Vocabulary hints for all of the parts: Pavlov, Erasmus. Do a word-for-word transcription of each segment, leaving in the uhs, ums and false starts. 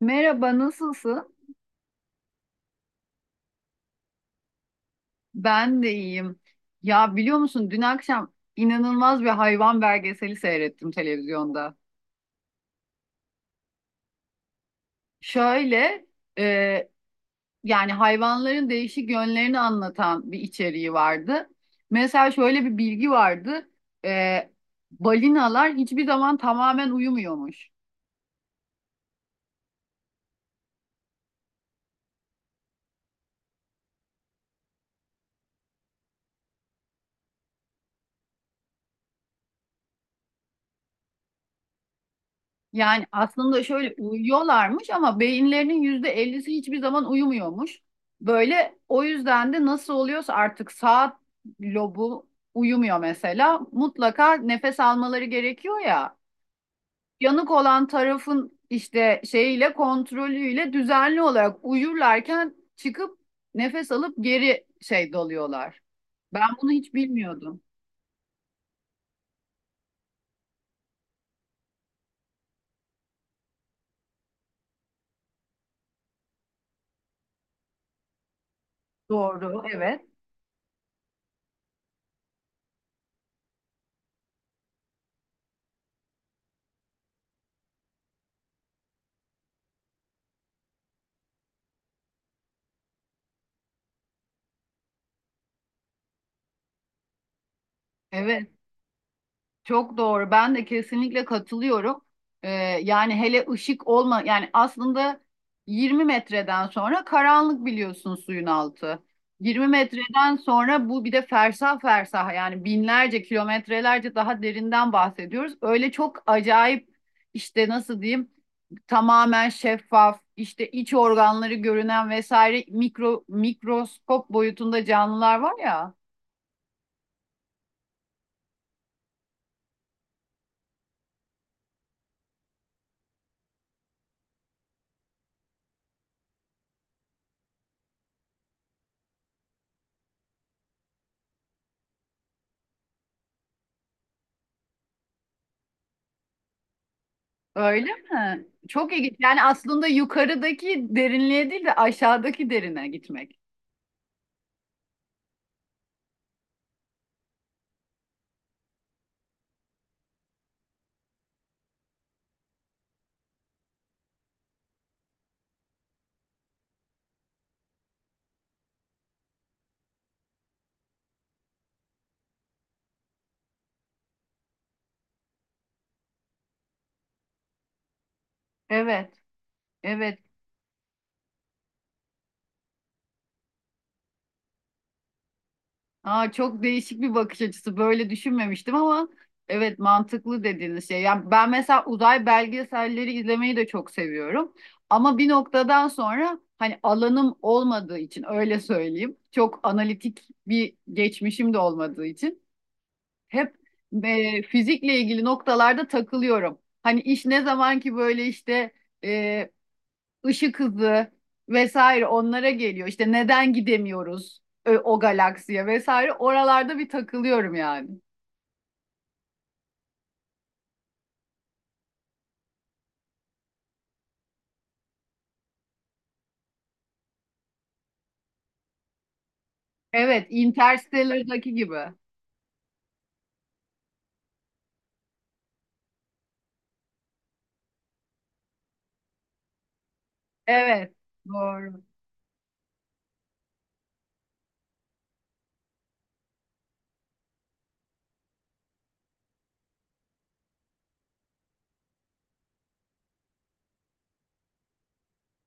Merhaba, nasılsın? Ben de iyiyim. Ya biliyor musun dün akşam inanılmaz bir hayvan belgeseli seyrettim televizyonda. Şöyle e, yani hayvanların değişik yönlerini anlatan bir içeriği vardı. Mesela şöyle bir bilgi vardı. E, balinalar hiçbir zaman tamamen uyumuyormuş. Yani aslında şöyle uyuyorlarmış ama beyinlerinin yüzde ellisi hiçbir zaman uyumuyormuş. Böyle o yüzden de nasıl oluyorsa artık saat lobu uyumuyor mesela. Mutlaka nefes almaları gerekiyor ya. Yanık olan tarafın işte şeyiyle, kontrolüyle düzenli olarak uyurlarken çıkıp nefes alıp geri şey doluyorlar. Ben bunu hiç bilmiyordum. Doğru, evet. Evet. Çok doğru. Ben de kesinlikle katılıyorum. Ee, yani hele ışık olma, yani aslında yirmi metreden sonra karanlık, biliyorsun, suyun altı. yirmi metreden sonra, bu bir de fersah fersah, yani binlerce kilometrelerce daha derinden bahsediyoruz. Öyle çok acayip, işte nasıl diyeyim, tamamen şeffaf, işte iç organları görünen vesaire mikro mikroskop boyutunda canlılar var ya. Öyle mi? Çok ilginç. Yani aslında yukarıdaki derinliğe değil de aşağıdaki derine gitmek. Evet, evet. Aa, çok değişik bir bakış açısı. Böyle düşünmemiştim ama evet, mantıklı dediğiniz şey. Yani ben mesela uzay belgeselleri izlemeyi de çok seviyorum. Ama bir noktadan sonra, hani alanım olmadığı için öyle söyleyeyim, çok analitik bir geçmişim de olmadığı için. Hep e, fizikle ilgili noktalarda takılıyorum. Hani iş ne zaman ki böyle işte e, ışık hızı vesaire onlara geliyor. İşte neden gidemiyoruz e, o galaksiye vesaire, oralarda bir takılıyorum yani. Evet, Interstellar'daki gibi. Evet, doğru.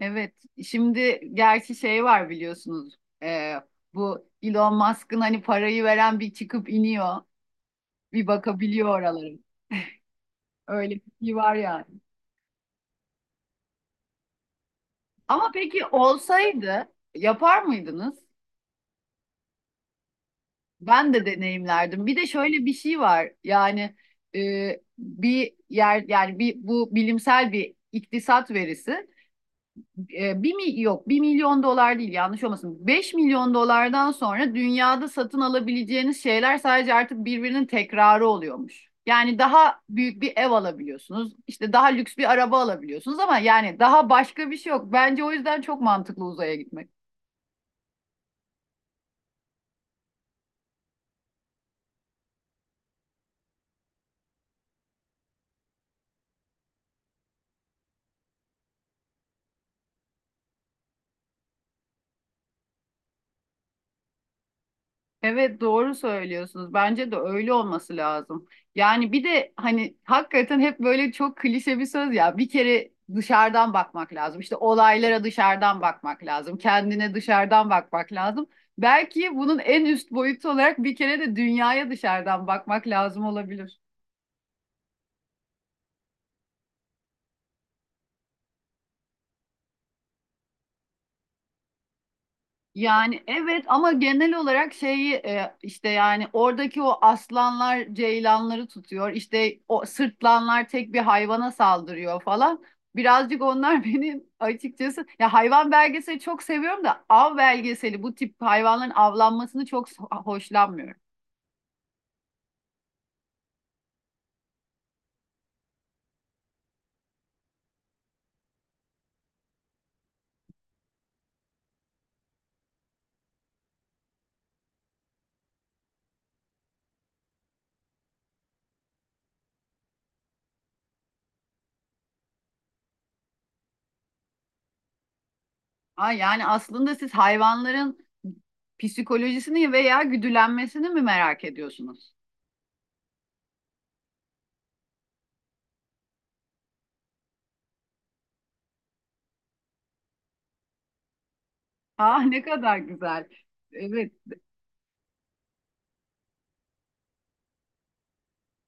Evet, şimdi gerçi şey var, biliyorsunuz. E, bu Elon Musk'ın hani parayı veren bir çıkıp iniyor, bir bakabiliyor oralara. Öyle bir şey var yani. Ama peki olsaydı yapar mıydınız? Ben de deneyimlerdim. Bir de şöyle bir şey var. Yani e, bir yer, yani bir bu bilimsel bir iktisat verisi. E, bir mi yok, bir milyon dolar değil yanlış olmasın, beş milyon dolardan sonra dünyada satın alabileceğiniz şeyler sadece artık birbirinin tekrarı oluyormuş. Yani daha büyük bir ev alabiliyorsunuz. İşte daha lüks bir araba alabiliyorsunuz ama yani daha başka bir şey yok. Bence o yüzden çok mantıklı uzaya gitmek. Evet, doğru söylüyorsunuz. Bence de öyle olması lazım. Yani bir de hani hakikaten hep böyle çok klişe bir söz ya, bir kere dışarıdan bakmak lazım. İşte olaylara dışarıdan bakmak lazım. Kendine dışarıdan bakmak lazım. Belki bunun en üst boyutu olarak bir kere de dünyaya dışarıdan bakmak lazım olabilir. Yani evet, ama genel olarak şeyi, e, işte yani oradaki o aslanlar ceylanları tutuyor, İşte o sırtlanlar tek bir hayvana saldırıyor falan. Birazcık onlar benim açıkçası, ya hayvan belgeseli çok seviyorum da av belgeseli, bu tip hayvanların avlanmasını çok so- hoşlanmıyorum. Ha, yani aslında siz hayvanların psikolojisini veya güdülenmesini mi merak ediyorsunuz? Ah, ne kadar güzel. Evet.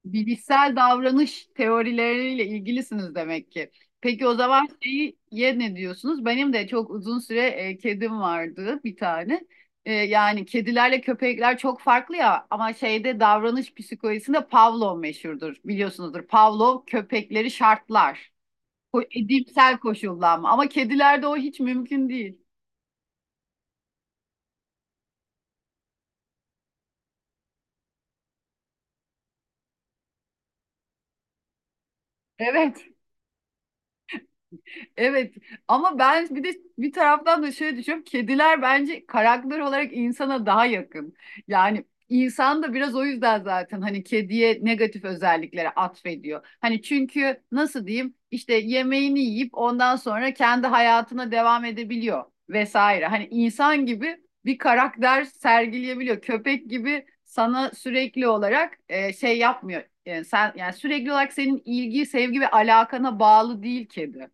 Bilişsel davranış teorileriyle ilgilisiniz demek ki. Peki o zaman şeyi ye ne diyorsunuz? Benim de çok uzun süre e, kedim vardı bir tane. E, yani kedilerle köpekler çok farklı ya, ama şeyde, davranış psikolojisinde Pavlov meşhurdur, biliyorsunuzdur. Pavlov köpekleri şartlar. Ko- edimsel koşullanma, ama kedilerde o hiç mümkün değil. Evet. Evet, ama ben bir de bir taraftan da şöyle düşünüyorum. Kediler bence karakter olarak insana daha yakın. Yani insan da biraz o yüzden zaten hani kediye negatif özelliklere atfediyor. Hani çünkü, nasıl diyeyim, işte yemeğini yiyip ondan sonra kendi hayatına devam edebiliyor vesaire. Hani insan gibi bir karakter sergileyebiliyor. Köpek gibi sana sürekli olarak e, şey yapmıyor. Yani sen, yani sürekli olarak senin ilgi, sevgi ve alakana bağlı değil kedi.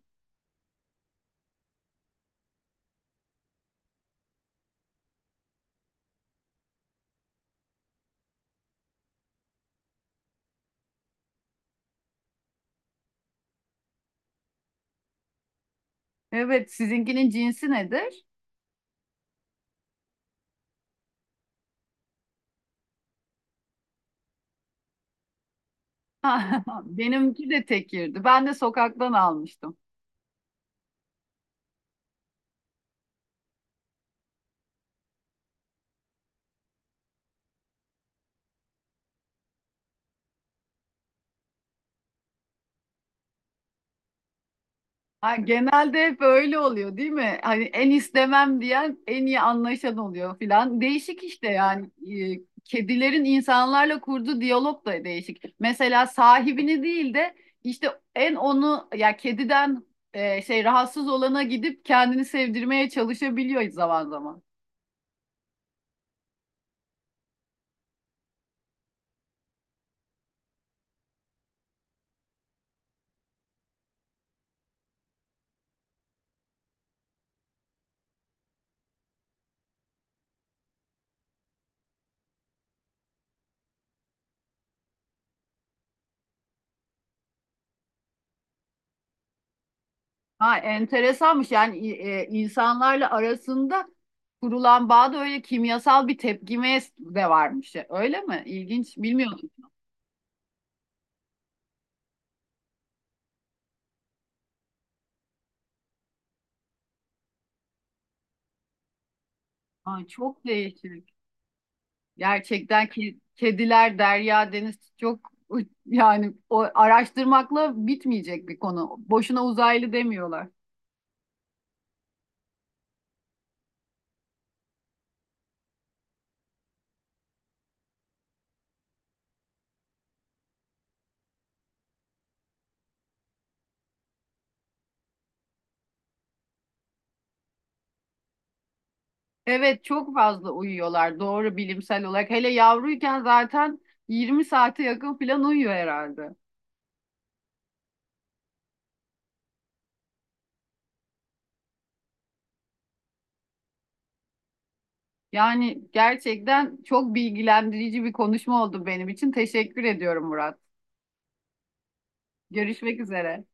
Evet, sizinkinin cinsi nedir? Benimki de tekirdi. Ben de sokaktan almıştım. Ha, genelde hep öyle oluyor, değil mi? Hani en istemem diyen en iyi anlaşan oluyor filan. Değişik işte yani. Ee, Kedilerin insanlarla kurduğu diyalog da değişik. Mesela sahibini değil de işte en onu, ya kediden e, şey rahatsız olana gidip kendini sevdirmeye çalışabiliyor zaman zaman. Ha, enteresanmış, yani e, insanlarla arasında kurulan bağda öyle kimyasal bir tepkime de varmış. Öyle mi? İlginç. Bilmiyordum. Ay, çok değişik. Gerçekten ki kediler derya, deniz, çok, yani o araştırmakla bitmeyecek bir konu. Boşuna uzaylı demiyorlar. Evet, çok fazla uyuyorlar, doğru, bilimsel olarak. Hele yavruyken zaten yirmi saate yakın falan uyuyor herhalde. Yani gerçekten çok bilgilendirici bir konuşma oldu benim için. Teşekkür ediyorum, Murat. Görüşmek üzere.